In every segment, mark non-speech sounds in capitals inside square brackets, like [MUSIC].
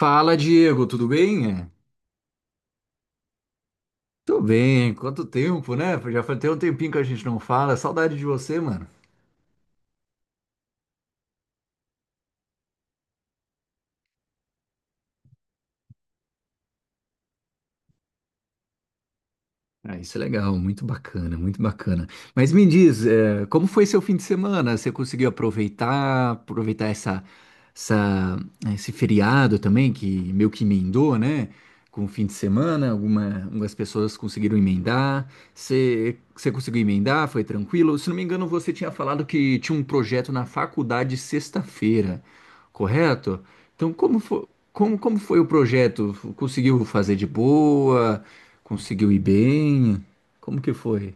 Fala, Diego, tudo bem? Tudo bem, quanto tempo, né? Já faz até um tempinho que a gente não fala. Saudade de você, mano. Ah, isso é legal, muito bacana, muito bacana. Mas me diz, como foi seu fim de semana? Você conseguiu aproveitar essa- esse feriado também, que meio que emendou, né? Com o fim de semana, algumas pessoas conseguiram emendar. Você conseguiu emendar? Foi tranquilo? Se não me engano, você tinha falado que tinha um projeto na faculdade sexta-feira, correto? Então, como foi o projeto? Conseguiu fazer de boa? Conseguiu ir bem? Como que foi?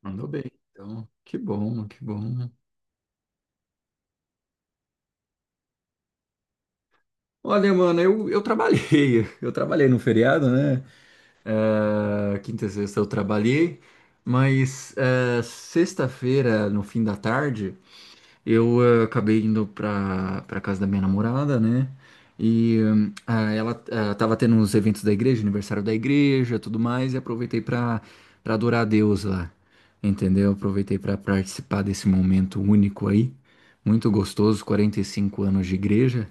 Mandou bem, então. Que bom, que bom. Olha, mano, eu trabalhei. [LAUGHS] Eu trabalhei no feriado, né? É, quinta e sexta eu trabalhei, mas é, sexta-feira, no fim da tarde. Eu acabei indo pra casa da minha namorada, né? E ela tava tendo uns eventos da igreja, aniversário da igreja, tudo mais, e aproveitei pra adorar a Deus lá, entendeu? Aproveitei pra participar desse momento único aí, muito gostoso, 45 anos de igreja.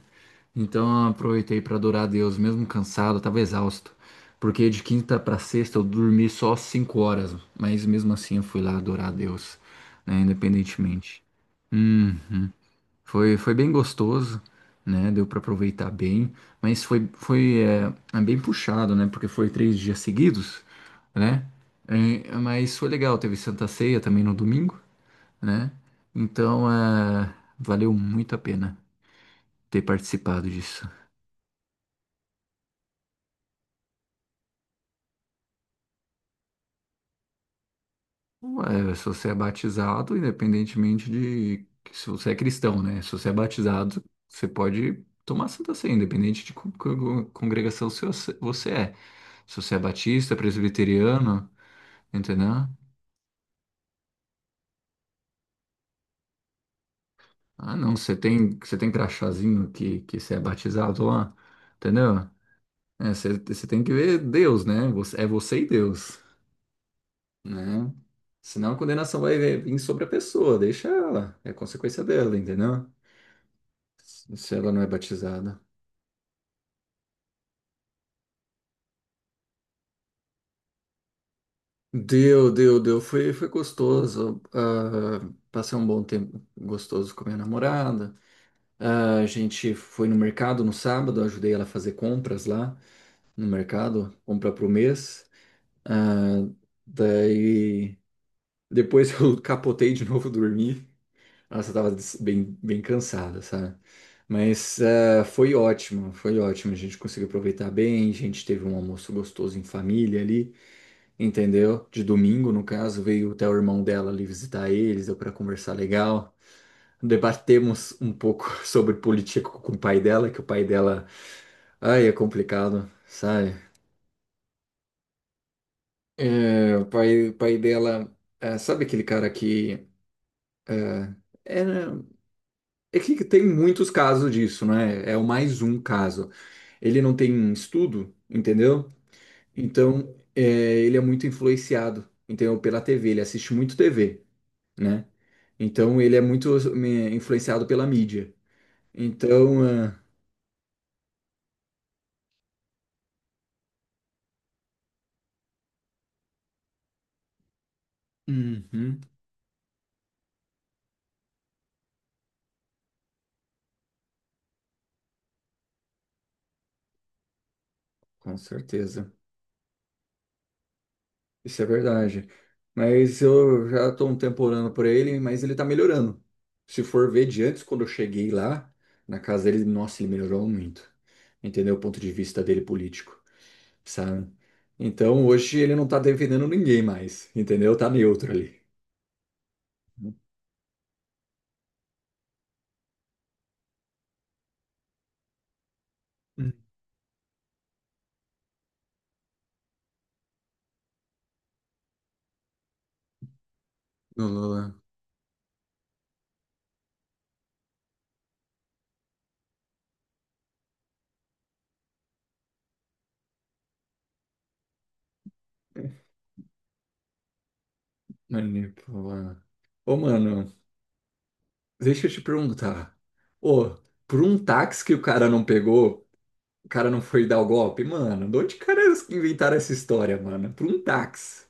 Então aproveitei pra adorar a Deus, mesmo cansado, tava exausto, porque de quinta pra sexta eu dormi só 5 horas, mas mesmo assim eu fui lá adorar a Deus, né? Independentemente. Hum. Foi bem gostoso, né? Deu para aproveitar bem, mas é bem puxado, né? Porque foi 3 dias seguidos, né? É, mas foi legal, teve Santa Ceia também no domingo, né? Então, é, valeu muito a pena ter participado disso. É, se você é batizado, independentemente de se você é cristão, né? Se você é batizado, você pode tomar Santa Ceia, independente de congregação se você é. Se você é batista, presbiteriano, entendeu? Ah, não, você tem crachazinho que você é batizado lá, entendeu? É, você tem que ver Deus, né? Você- É você e Deus, né? Senão a condenação vai vir sobre a pessoa, deixa ela, é consequência dela, entendeu? Se ela não é batizada. Deu, deu, deu. Foi gostoso. Ah, passei um bom tempo gostoso com minha namorada. Ah, a gente foi no mercado no sábado, ajudei ela a fazer compras lá no mercado, compra pro mês. Ah, daí depois [LAUGHS] eu capotei de novo dormir. Nossa, eu tava bem, bem cansada, sabe? Mas ah, foi ótimo, foi ótimo. A gente conseguiu aproveitar bem, a gente teve um almoço gostoso em família ali. Entendeu? De domingo, no caso, veio até o irmão dela ali visitar eles, deu para conversar legal. Debatemos um pouco [LAUGHS] sobre política com o pai dela, que o pai dela, ai, é complicado, sabe? O pai dela, é, sabe aquele cara que é, era- é que tem muitos casos disso, né? É o mais um caso. Ele não tem estudo, entendeu? Então, é, ele é muito influenciado, entendeu? Pela TV, ele assiste muito TV, né? Então ele é muito influenciado pela mídia. Então, ah, uhum, com certeza. Isso é verdade. Mas eu já estou um tempo orando por ele, mas ele está melhorando. Se for ver de antes, quando eu cheguei lá, na casa dele, nossa, ele melhorou muito. Entendeu? O ponto de vista dele político, sabe? Então hoje ele não está defendendo ninguém mais, entendeu? Tá neutro ali. Hum. O Lula, manipula. Ô, mano. Deixa eu te perguntar. Ô, por um táxi que o cara não pegou, o cara não foi dar o golpe? Mano, de onde caras que inventaram essa história, mano? Por um táxi.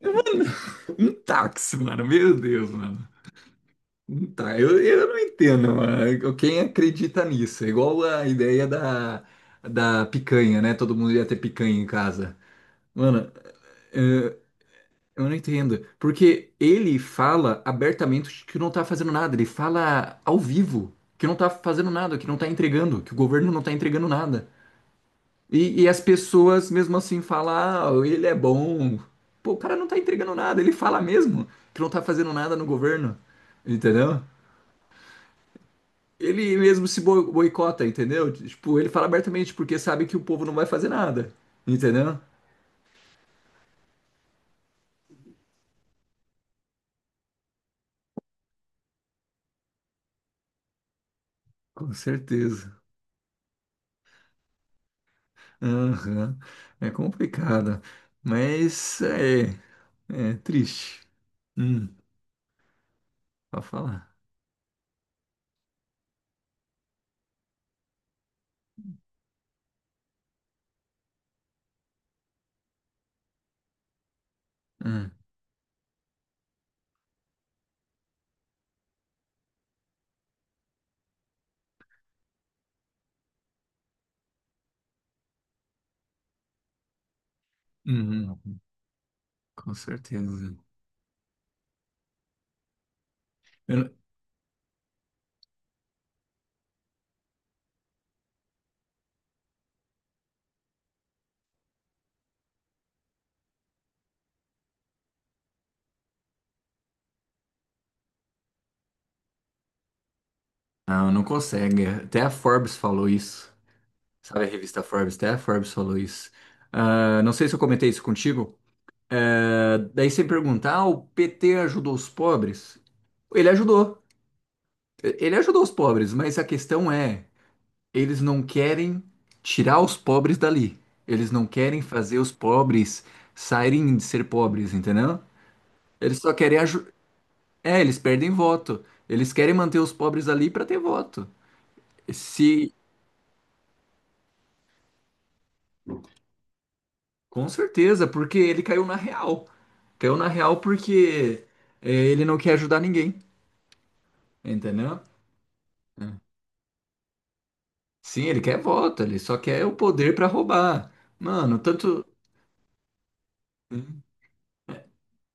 Mano, [LAUGHS] um táxi, mano. Meu Deus, mano. Eu não entendo, mano. Quem acredita nisso? É igual a ideia da picanha, né? Todo mundo ia ter picanha em casa. Mano, é, Eu não entendo. Porque ele fala abertamente que não tá fazendo nada. Ele fala ao vivo que não tá fazendo nada, que não tá entregando, que o governo não tá entregando nada. E as pessoas, mesmo assim, falam: ah, ele é bom. Pô, o cara não tá entregando nada. Ele fala mesmo que não tá fazendo nada no governo. Entendeu? Ele mesmo se boicota, entendeu? Tipo, ele fala abertamente porque sabe que o povo não vai fazer nada. Entendeu? Com certeza. Aham. É complicado, mas é, é triste. Hum, pra falar. Hum, hum, hum, com certeza. Eu não, não consegue. Até a Forbes falou isso. Sabe a revista Forbes? Até a Forbes falou isso. Ah, não sei se eu comentei isso contigo. Ah, daí você pergunta, ah, o PT ajudou os pobres? Ele ajudou. Ele ajudou os pobres, mas a questão é. Eles não querem tirar os pobres dali. Eles não querem fazer os pobres saírem de ser pobres, entendeu? Eles só querem ajudar. É, eles perdem voto. Eles querem manter os pobres ali para ter voto. Se, com certeza, porque ele caiu na real. Caiu na real porque é, ele não quer ajudar ninguém, entendeu? É. Sim, ele quer voto, ele só quer o poder para roubar. Mano, tanto.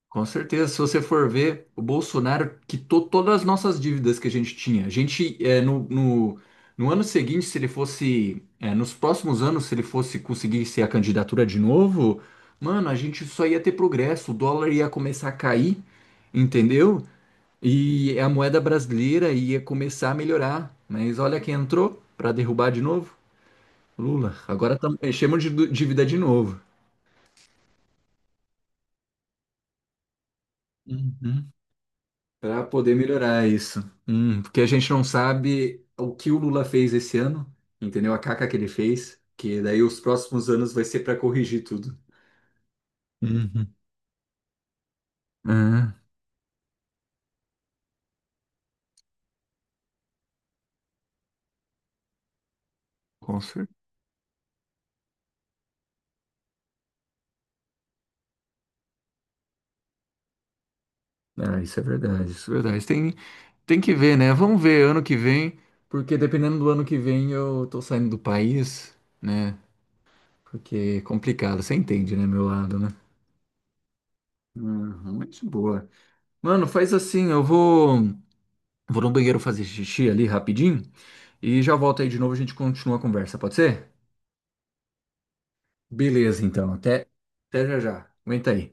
Com certeza, se você for ver, o Bolsonaro quitou todas as nossas dívidas que a gente tinha. A gente, é, no ano seguinte, se ele fosse, é, nos próximos anos, se ele fosse conseguir ser a candidatura de novo, mano, a gente só ia ter progresso, o dólar ia começar a cair, entendeu? E a moeda brasileira ia começar a melhorar. Mas olha quem entrou para derrubar de novo, Lula. Agora chamam de dívida de novo. Uhum. Para poder melhorar isso. Porque a gente não sabe o que o Lula fez esse ano, entendeu? A caca que ele fez, que daí os próximos anos vai ser para corrigir tudo. Uhum. Ah, com certeza. Ah, isso é verdade, isso é verdade. Tem que ver, né? Vamos ver ano que vem, porque dependendo do ano que vem eu tô saindo do país, né? Porque é complicado, você entende, né, meu lado, né? Uhum, muito boa. Mano, faz assim, vou no banheiro fazer xixi ali rapidinho. E já volto aí de novo, a gente continua a conversa, pode ser? Beleza, então. Até já já. Aguenta aí.